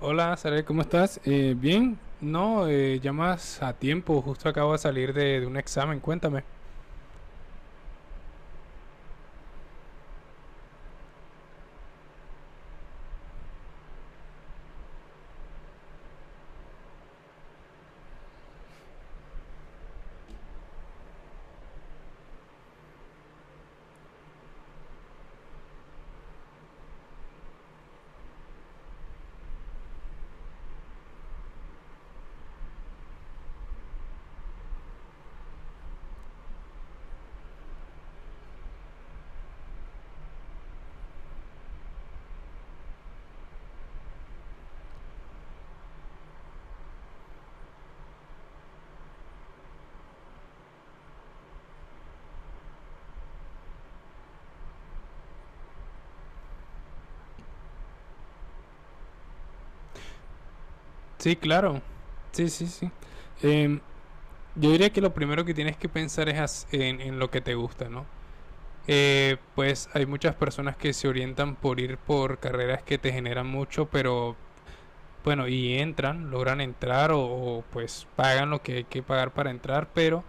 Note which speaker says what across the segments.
Speaker 1: Hola, Sarel, ¿cómo estás? Bien, no, llamas a tiempo, justo acabo de salir de un examen, cuéntame. Sí, claro, sí, sí, sí. Em, yo diría que lo primero que tienes que pensar en lo que te gusta, ¿no? Pues hay muchas personas que se orientan por ir por carreras que te generan mucho, pero bueno, y entran, logran entrar o pues pagan lo que hay que pagar para entrar, pero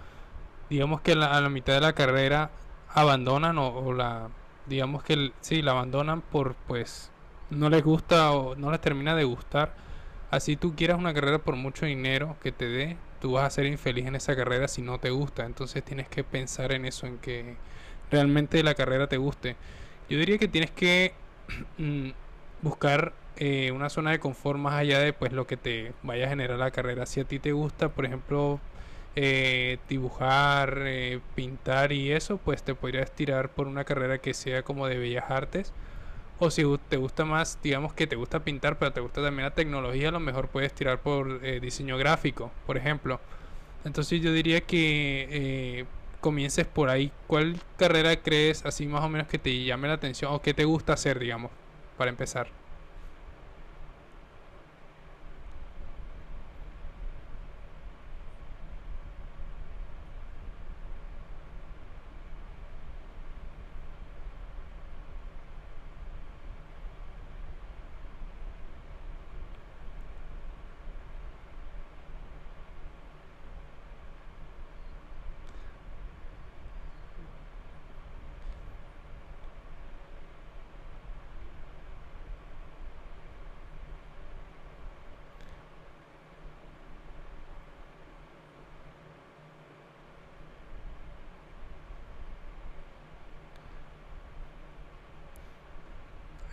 Speaker 1: digamos que a la mitad de la carrera abandonan o la digamos que sí la abandonan por pues no les gusta o no les termina de gustar. Así tú quieras una carrera, por mucho dinero que te dé, tú vas a ser infeliz en esa carrera si no te gusta. Entonces tienes que pensar en eso, en que realmente la carrera te guste. Yo diría que tienes que mm, buscar una zona de confort más allá de pues lo que te vaya a generar la carrera. Si a ti te gusta, por ejemplo, dibujar, pintar y eso, pues te podrías tirar por una carrera que sea como de bellas artes. O si te gusta más, digamos que te gusta pintar, pero te gusta también la tecnología, a lo mejor puedes tirar por diseño gráfico, por ejemplo. Entonces yo diría que eh, comiences por ahí. ¿Cuál carrera crees así más o menos que te llame la atención o que te gusta hacer, digamos, para empezar?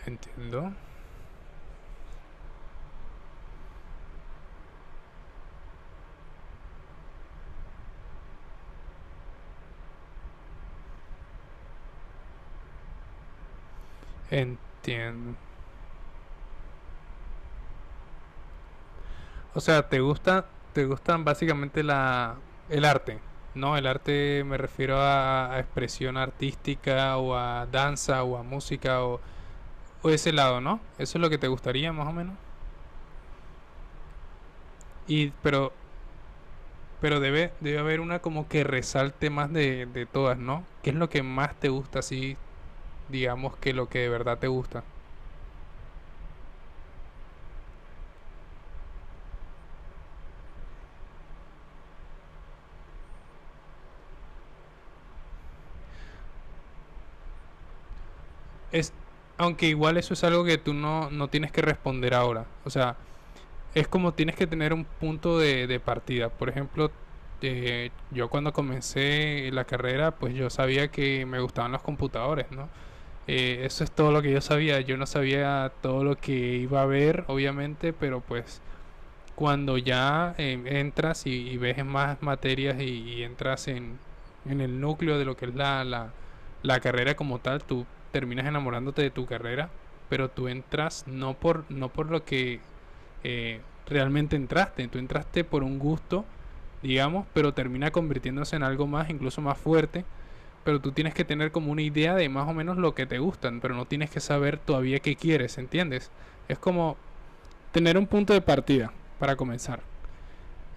Speaker 1: Entiendo. Entiendo. O sea, te gusta, te gustan básicamente la, el arte, ¿no? El arte, me refiero a expresión artística o a danza o a música o ese lado, ¿no? Eso es lo que te gustaría más o menos. Y pero pero debe haber una como que resalte más de todas, ¿no? ¿Qué es lo que más te gusta así, digamos, que lo que de verdad te gusta? Es Aunque igual eso es algo que tú no, no tienes que responder ahora. O sea, es como tienes que tener un punto de partida. Por ejemplo, yo cuando comencé la carrera, pues yo sabía que me gustaban los computadores, ¿no? Eso es todo lo que yo sabía. Yo no sabía todo lo que iba a ver, obviamente, pero pues cuando ya entras y ves más materias y entras en el núcleo de lo que es la carrera como tal, tú terminas enamorándote de tu carrera, pero tú entras no por, no por lo que eh, realmente entraste. Tú entraste por un gusto, digamos, pero termina convirtiéndose en algo más, incluso más fuerte. Pero tú tienes que tener como una idea de más o menos lo que te gustan, pero no tienes que saber todavía qué quieres, ¿entiendes? Es como tener un punto de partida para comenzar.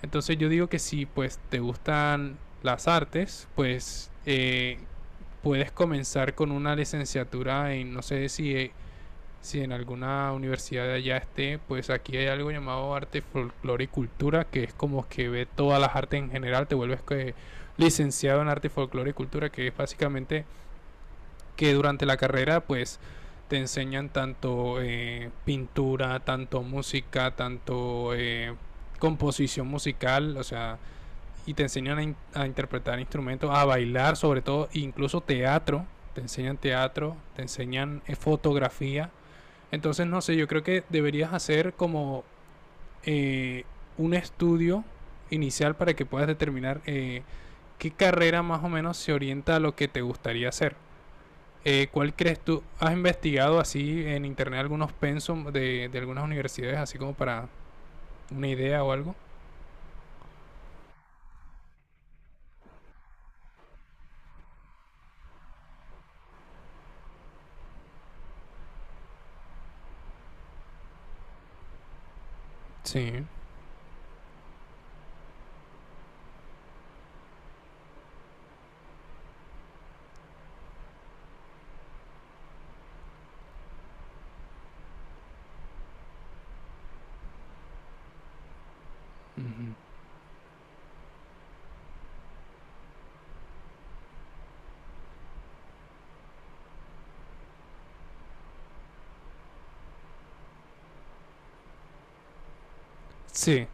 Speaker 1: Entonces yo digo que si pues te gustan las artes, pues puedes comenzar con una licenciatura en, no sé si si en alguna universidad de allá esté, pues aquí hay algo llamado arte, folclore y cultura, que es como que ve todas las artes en general, te vuelves que licenciado en arte, folclore y cultura, que es básicamente que durante la carrera pues te enseñan tanto pintura, tanto música, tanto composición musical, o sea, y te enseñan a interpretar instrumentos, a bailar, sobre todo, incluso teatro, te enseñan fotografía. Entonces, no sé, yo creo que deberías hacer como eh, un estudio inicial para que puedas determinar qué carrera más o menos se orienta a lo que te gustaría hacer. ¿Cuál crees tú? ¿Has investigado así en internet algunos pensum de algunas universidades, así como para una idea o algo? Sí. Ujú. Sí,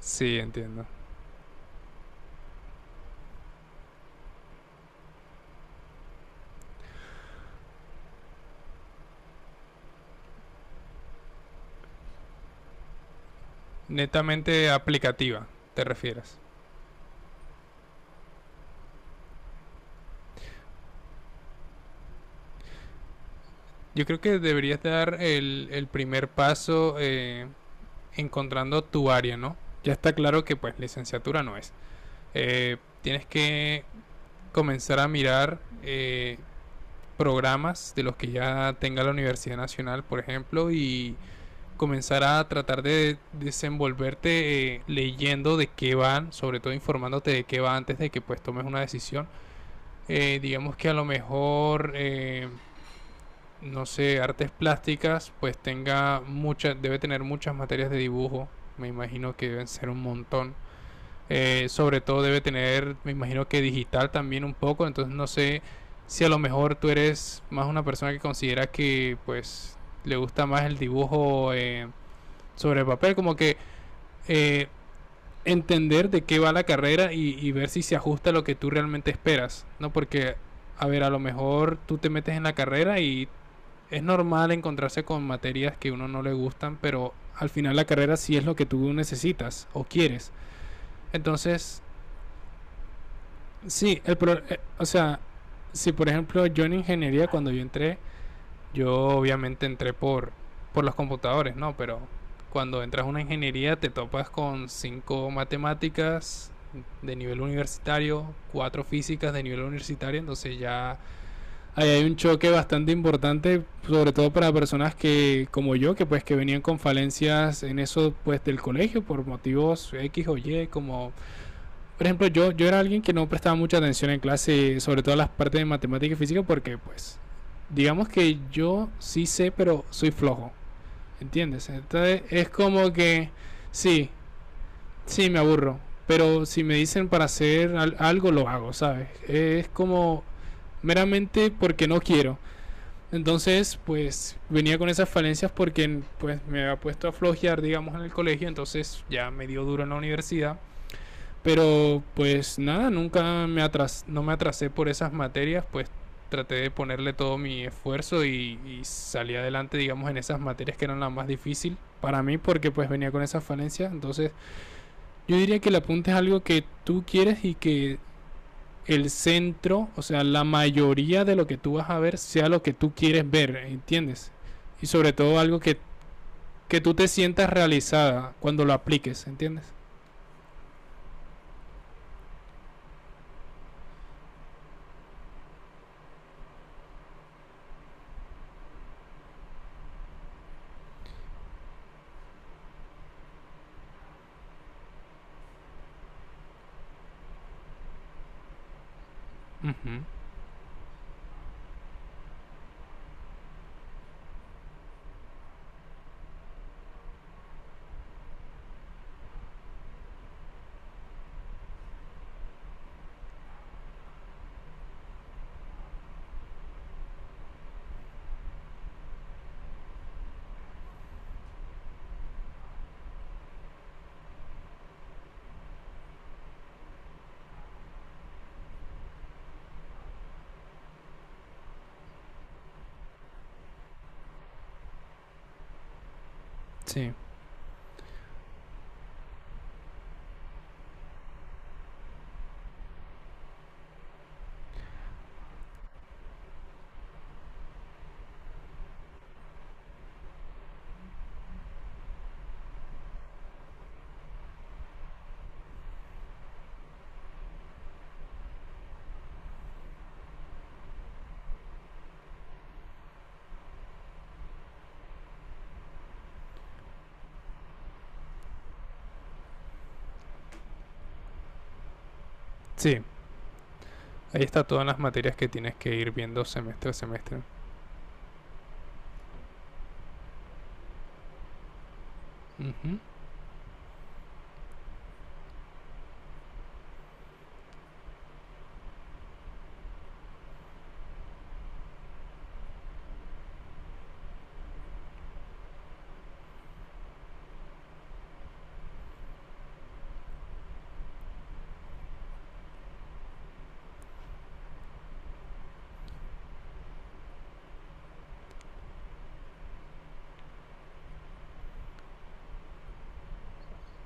Speaker 1: sí, entiendo. Netamente aplicativa, te refieres. Yo creo que deberías dar el primer paso encontrando tu área, ¿no? Ya está claro que pues licenciatura no es. Tienes que comenzar a mirar programas de los que ya tenga la Universidad Nacional, por ejemplo, y comenzar a tratar de desenvolverte leyendo de qué van, sobre todo informándote de qué va antes de que pues tomes una decisión. Digamos que a lo mejor no sé, artes plásticas, pues tenga muchas, debe tener muchas materias de dibujo, me imagino que deben ser un montón. Sobre todo debe tener, me imagino que digital también un poco, entonces no sé si a lo mejor tú eres más una persona que considera que pues le gusta más el dibujo sobre el papel, como que eh, entender de qué va la carrera y ver si se ajusta a lo que tú realmente esperas, ¿no? Porque, a ver, a lo mejor tú te metes en la carrera y es normal encontrarse con materias que a uno no le gustan, pero al final la carrera sí es lo que tú necesitas o quieres. Entonces, sí, o sea, si por ejemplo yo en ingeniería, cuando yo entré, yo obviamente entré por los computadores, ¿no? Pero cuando entras a una ingeniería te topas con cinco matemáticas de nivel universitario, cuatro físicas de nivel universitario, entonces ya. Ahí hay un choque bastante importante, sobre todo para personas que, como yo, que pues que venían con falencias en eso pues del colegio por motivos X o Y, como por ejemplo yo, yo era alguien que no prestaba mucha atención en clase, sobre todo las partes de matemática y física, porque pues digamos que yo sí sé, pero soy flojo, ¿entiendes? Entonces es como que sí, sí me aburro, pero si me dicen para hacer algo lo hago, ¿sabes? Es como meramente porque no quiero. Entonces, pues venía con esas falencias porque pues me había puesto a flojear, digamos, en el colegio, entonces ya me dio duro en la universidad, pero pues nada, nunca me atras no me atrasé por esas materias, pues traté de ponerle todo mi esfuerzo y salí adelante, digamos, en esas materias que eran las más difíciles para mí porque pues venía con esas falencias. Entonces yo diría que el apunte es algo que tú quieres y que el centro, o sea, la mayoría de lo que tú vas a ver sea lo que tú quieres ver, ¿entiendes? Y sobre todo algo que tú te sientas realizada cuando lo apliques, ¿entiendes? Ujú. Sí, sí. Ahí está todas las materias que tienes que ir viendo semestre a semestre. Ujú.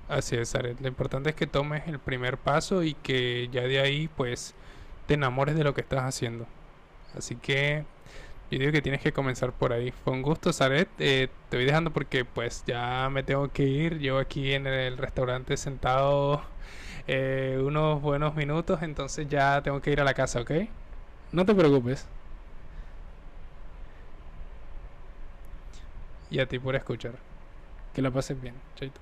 Speaker 1: Así es, Aret. Lo importante es que tomes el primer paso y que ya de ahí, pues, te enamores de lo que estás haciendo. Así que yo digo que tienes que comenzar por ahí. Fue un gusto, Saret. Te voy dejando porque pues ya me tengo que ir. Yo aquí en el restaurante sentado unos buenos minutos, entonces ya tengo que ir a la casa, ¿ok? No te preocupes. Y a ti por escuchar. Que la pases bien. Chaito.